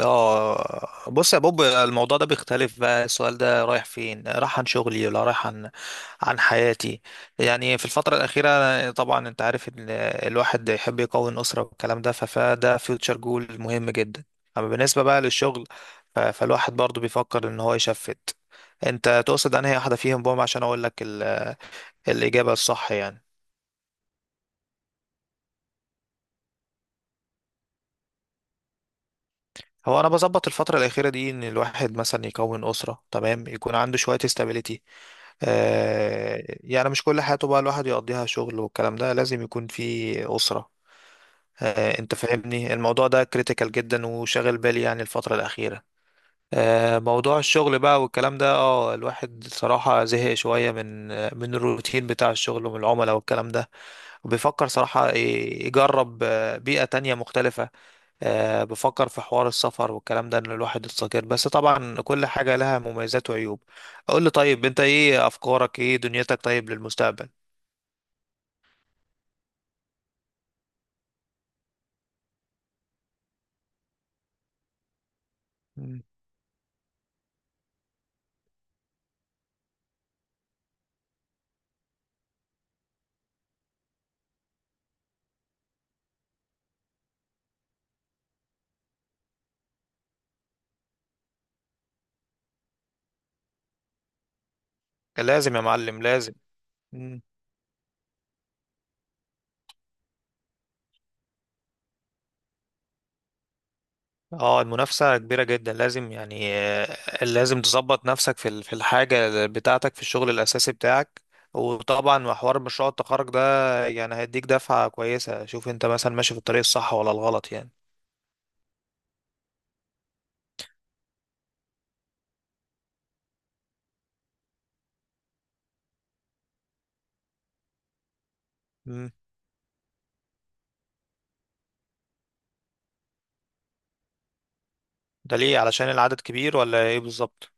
اه بص يا بوب، الموضوع ده بيختلف. بقى السؤال ده رايح فين؟ رايح عن شغلي ولا رايح عن حياتي؟ يعني في الفترة الأخيرة طبعا انت عارف ان الواحد يحب يكون أسرة والكلام ده، فده فيوتشر جول مهم جدا. أما بالنسبة بقى للشغل، فالواحد برضو بيفكر ان هو يشفت. انت تقصد انهي واحدة فيهم بوم عشان اقول لك الإجابة الصح يعني؟ هو انا بظبط الفتره الاخيره دي ان الواحد مثلا يكون اسره، تمام، يكون عنده شويه استابيليتي. يعني مش كل حياته بقى الواحد يقضيها شغل والكلام ده، لازم يكون في اسره. انت فاهمني، الموضوع ده كريتيكال جدا وشاغل بالي يعني الفتره الاخيره. موضوع الشغل بقى والكلام ده، الواحد صراحه زهق شويه من الروتين بتاع الشغل ومن العملاء والكلام ده. وبيفكر صراحه يجرب بيئه تانية مختلفه. بفكر في حوار السفر والكلام ده ان الواحد يستقر، بس طبعا كل حاجة لها مميزات وعيوب. اقول لي طيب، انت ايه افكارك، ايه دنيتك طيب للمستقبل؟ مم. لازم يا معلم، لازم. مم. اه، المنافسة كبيرة جدا، لازم يعني لازم تظبط نفسك في في الحاجة بتاعتك، في الشغل الأساسي بتاعك. وطبعا حوار مشروع التخرج ده يعني هيديك دفعة كويسة، شوف انت مثلا ماشي في الطريق الصح ولا الغلط يعني. مم. ده ليه؟ علشان العدد كبير ولا ايه بالظبط؟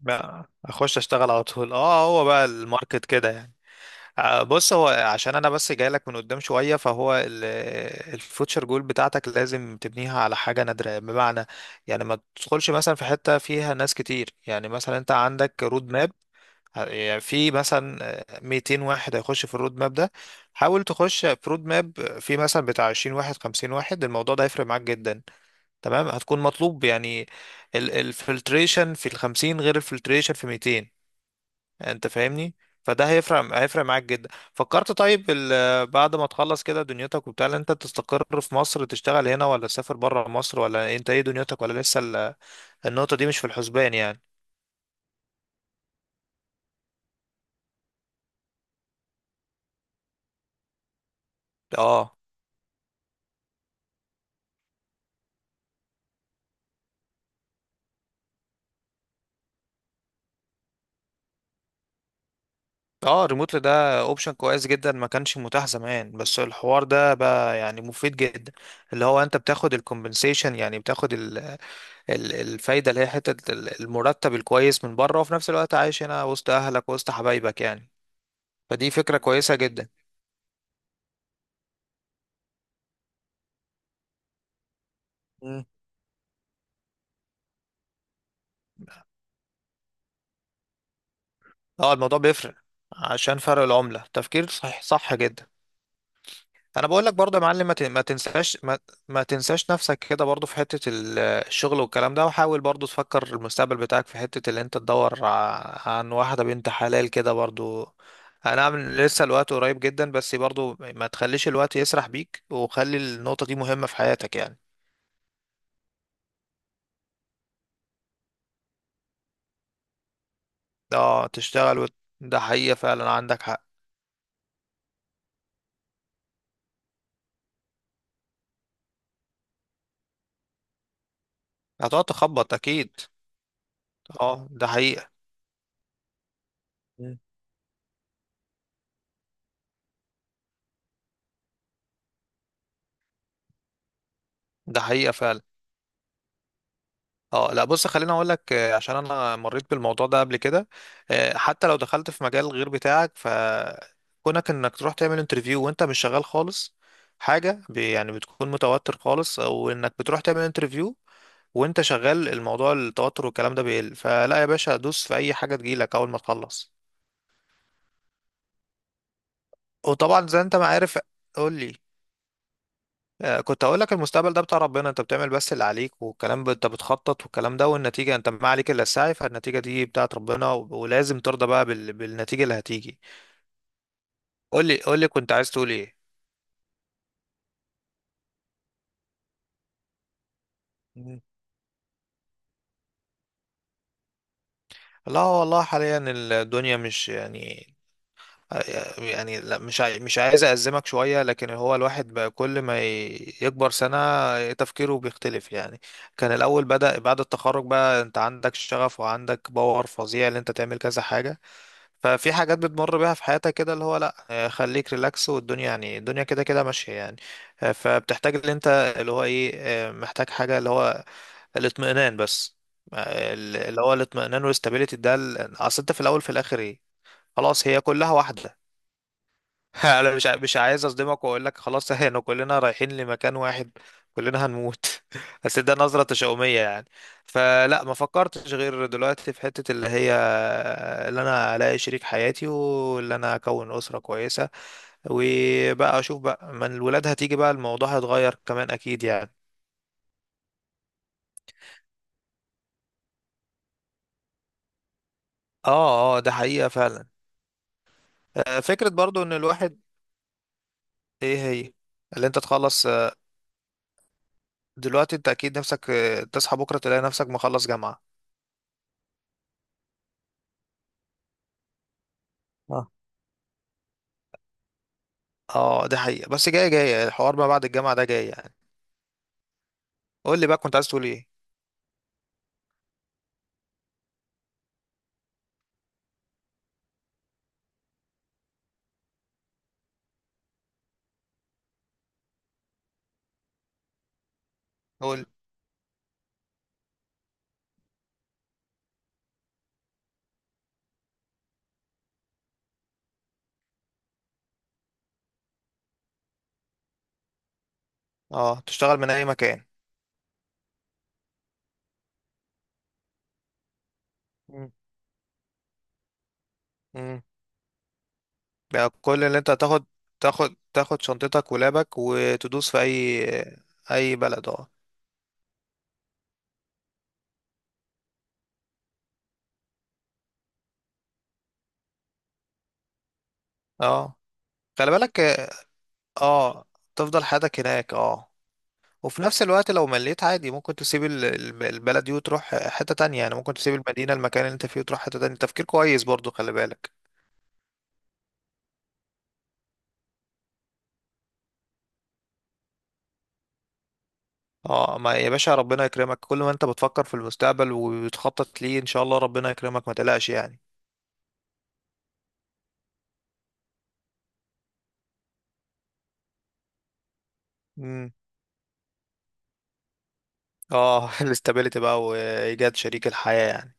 بقى اخش اشتغل على طول. اه هو بقى الماركت كده يعني. بص، هو عشان انا بس جاي لك من قدام شويه، فهو الفوتشر جول بتاعتك لازم تبنيها على حاجه نادره، بمعنى يعني ما تدخلش مثلا في حته فيها ناس كتير. يعني مثلا انت عندك رود ماب، يعني في مثلا 200 واحد هيخش في الرود ماب ده، حاول تخش في رود ماب في مثلا بتاع 20 واحد، 50 واحد. الموضوع ده هيفرق معاك جدا، تمام؟ هتكون مطلوب يعني. الفلتريشن في ال 50 غير الفلتريشن في 200. انت فاهمني؟ فده هيفرق معاك جدا. فكرت طيب، بعد ما تخلص كده دنيتك وبتاع، لا انت تستقر في مصر تشتغل هنا، ولا تسافر بره مصر، ولا انت ايه دنيتك، ولا لسه النقطة دي مش في الحسبان يعني؟ اه اه. ريموتلي ده اوبشن كويس جدا، ما كانش متاح زمان، بس الحوار ده بقى يعني مفيد جدا، اللي هو انت بتاخد الكومبنسيشن، يعني بتاخد ال الفايدة اللي هي حتة المرتب الكويس من بره، وفي نفس الوقت عايش هنا وسط اهلك وسط حبايبك يعني. فدي فكرة كويسة جدا. اه، الموضوع بيفرق عشان فرق العملة، تفكير صح، صح جدا. انا بقول لك برضه يا معلم، ما ت- ما تنساش ما, ما تنساش نفسك كده برضه في حتة الشغل والكلام ده، وحاول برضه تفكر المستقبل بتاعك في حتة اللي انت تدور عن واحدة بنت حلال كده برضه. انا عامل لسه الوقت قريب جدا، بس برضه ما تخليش الوقت يسرح بيك، وخلي النقطة دي مهمة في حياتك يعني. اه، تشتغل ده حقيقة فعلا، عندك حق. هتقعد تخبط اكيد. اه، ده حقيقة. مم. ده حقيقة فعلا، اه لا بص خليني اقول لك، عشان انا مريت بالموضوع ده قبل كده. حتى لو دخلت في مجال غير بتاعك، فكونك انك تروح تعمل انترفيو وانت مش شغال خالص، حاجة يعني بتكون متوتر خالص، او انك بتروح تعمل انترفيو وانت شغال، الموضوع التوتر والكلام ده بيقل. فلا يا باشا، دوس في اي حاجة تجيلك اول ما تخلص. وطبعا زي انت ما عارف. قول لي. كنت هقول لك، المستقبل ده بتاع ربنا، انت بتعمل بس اللي عليك والكلام، انت بتخطط والكلام ده والنتيجة، انت ما عليك الا السعي، فالنتيجة دي بتاعت ربنا، ولازم ترضى بقى بالنتيجة اللي هتيجي. قول لي قول لي، كنت عايز تقول ايه؟ مم. لا والله حاليا الدنيا مش يعني، يعني لا، مش عايز أأزمك شوية، لكن هو الواحد بقى كل ما يكبر سنة تفكيره بيختلف يعني. كان الأول بدأ بعد التخرج بقى، أنت عندك شغف وعندك باور فظيع إن أنت تعمل كذا حاجة. ففي حاجات بتمر بيها في حياتك كده، اللي هو لا، خليك ريلاكس، والدنيا يعني الدنيا كده كده ماشية يعني. فبتحتاج اللي انت، اللي هو ايه، محتاج حاجة، اللي هو الاطمئنان بس. آه، اللي هو الاطمئنان والاستابيليتي ده، اصل انت في الاول في الاخر ايه؟ خلاص، هي كلها واحدة. انا مش عايز اصدمك واقول لك خلاص، احنا كلنا رايحين لمكان واحد، كلنا هنموت. بس ده نظرة تشاؤمية يعني. فلا، ما فكرتش غير دلوقتي في حتة اللي هي اللي انا الاقي شريك حياتي، واللي انا اكون اسرة كويسة، وبقى اشوف بقى من الولاد هتيجي بقى الموضوع هيتغير كمان اكيد يعني. اه اه، ده حقيقة فعلا. فكرة برضو ان الواحد، ايه هي، اللي انت تخلص، دلوقتي انت اكيد نفسك تصحى بكرة تلاقي نفسك مخلص جامعة. اه دي حقيقة، بس جاية جاية الحوار ما بعد الجامعة ده جاي يعني. قول لي بقى، كنت عايز تقول ايه؟ قول. اه، تشتغل من اي مكان. مم. امم. يعني كل اللي انت هتاخد، تاخد شنطتك ولابك وتدوس في اي، اي بلد، اه. اه، خلي بالك. اه، تفضل حياتك هناك، اه. وفي نفس الوقت لو مليت عادي، ممكن تسيب البلد دي وتروح حتة تانية. يعني ممكن تسيب المدينة، المكان اللي انت فيه وتروح حتة تانية. تفكير كويس برضو، خلي بالك. اه، ما يا باشا، ربنا يكرمك، كل ما انت بتفكر في المستقبل وبتخطط ليه، ان شاء الله ربنا يكرمك، ما تقلقش يعني. امم. اه، الاستابيليتي بقى وايجاد شريك الحياة يعني.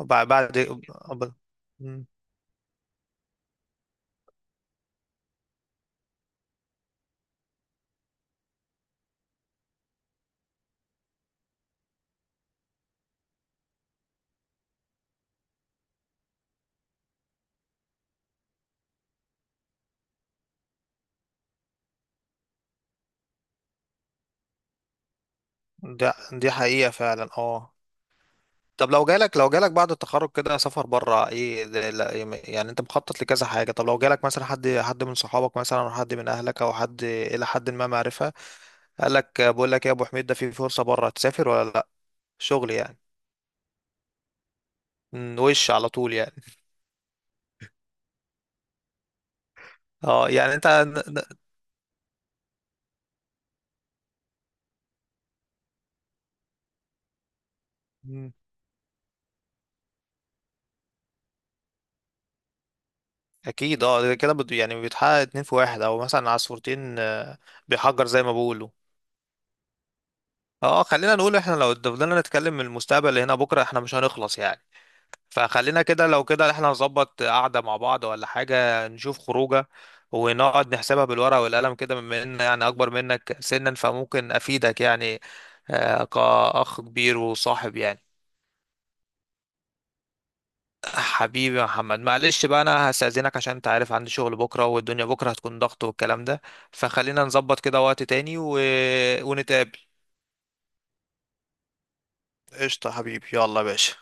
بعد بعد أب- مم. دي حقيقة فعلا، اه. طب لو جالك، بعد التخرج كده سفر بره، ايه يعني انت مخطط لكذا حاجة. طب لو جالك مثلا، حد من صحابك مثلا او حد من اهلك، او حد ما معرفة، قال لك بقول لك إيه يا ابو حميد، ده في فرصة بره، تسافر ولا لا، شغل يعني؟ وش على طول يعني؟ اه، يعني انت مم. اكيد. اه ده كده يعني بيتحقق اتنين في واحد، او مثلا عصفورتين بيحجر زي ما بيقولوا. اه، خلينا نقول احنا لو فضلنا نتكلم من المستقبل اللي هنا بكره، احنا مش هنخلص يعني. فخلينا كده، لو كده احنا نظبط قعده مع بعض ولا حاجه، نشوف خروجه، ونقعد نحسبها بالورقه والقلم كده، بما ان يعني اكبر منك سنا فممكن افيدك يعني، كاخ كبير وصاحب يعني. حبيبي يا محمد، معلش بقى، انا هستأذنك عشان انت عارف عندي شغل بكرة والدنيا بكرة هتكون ضغط والكلام ده. فخلينا نظبط كده وقت تاني ونتقابل. قشطة يا حبيبي، يلا يا باشا.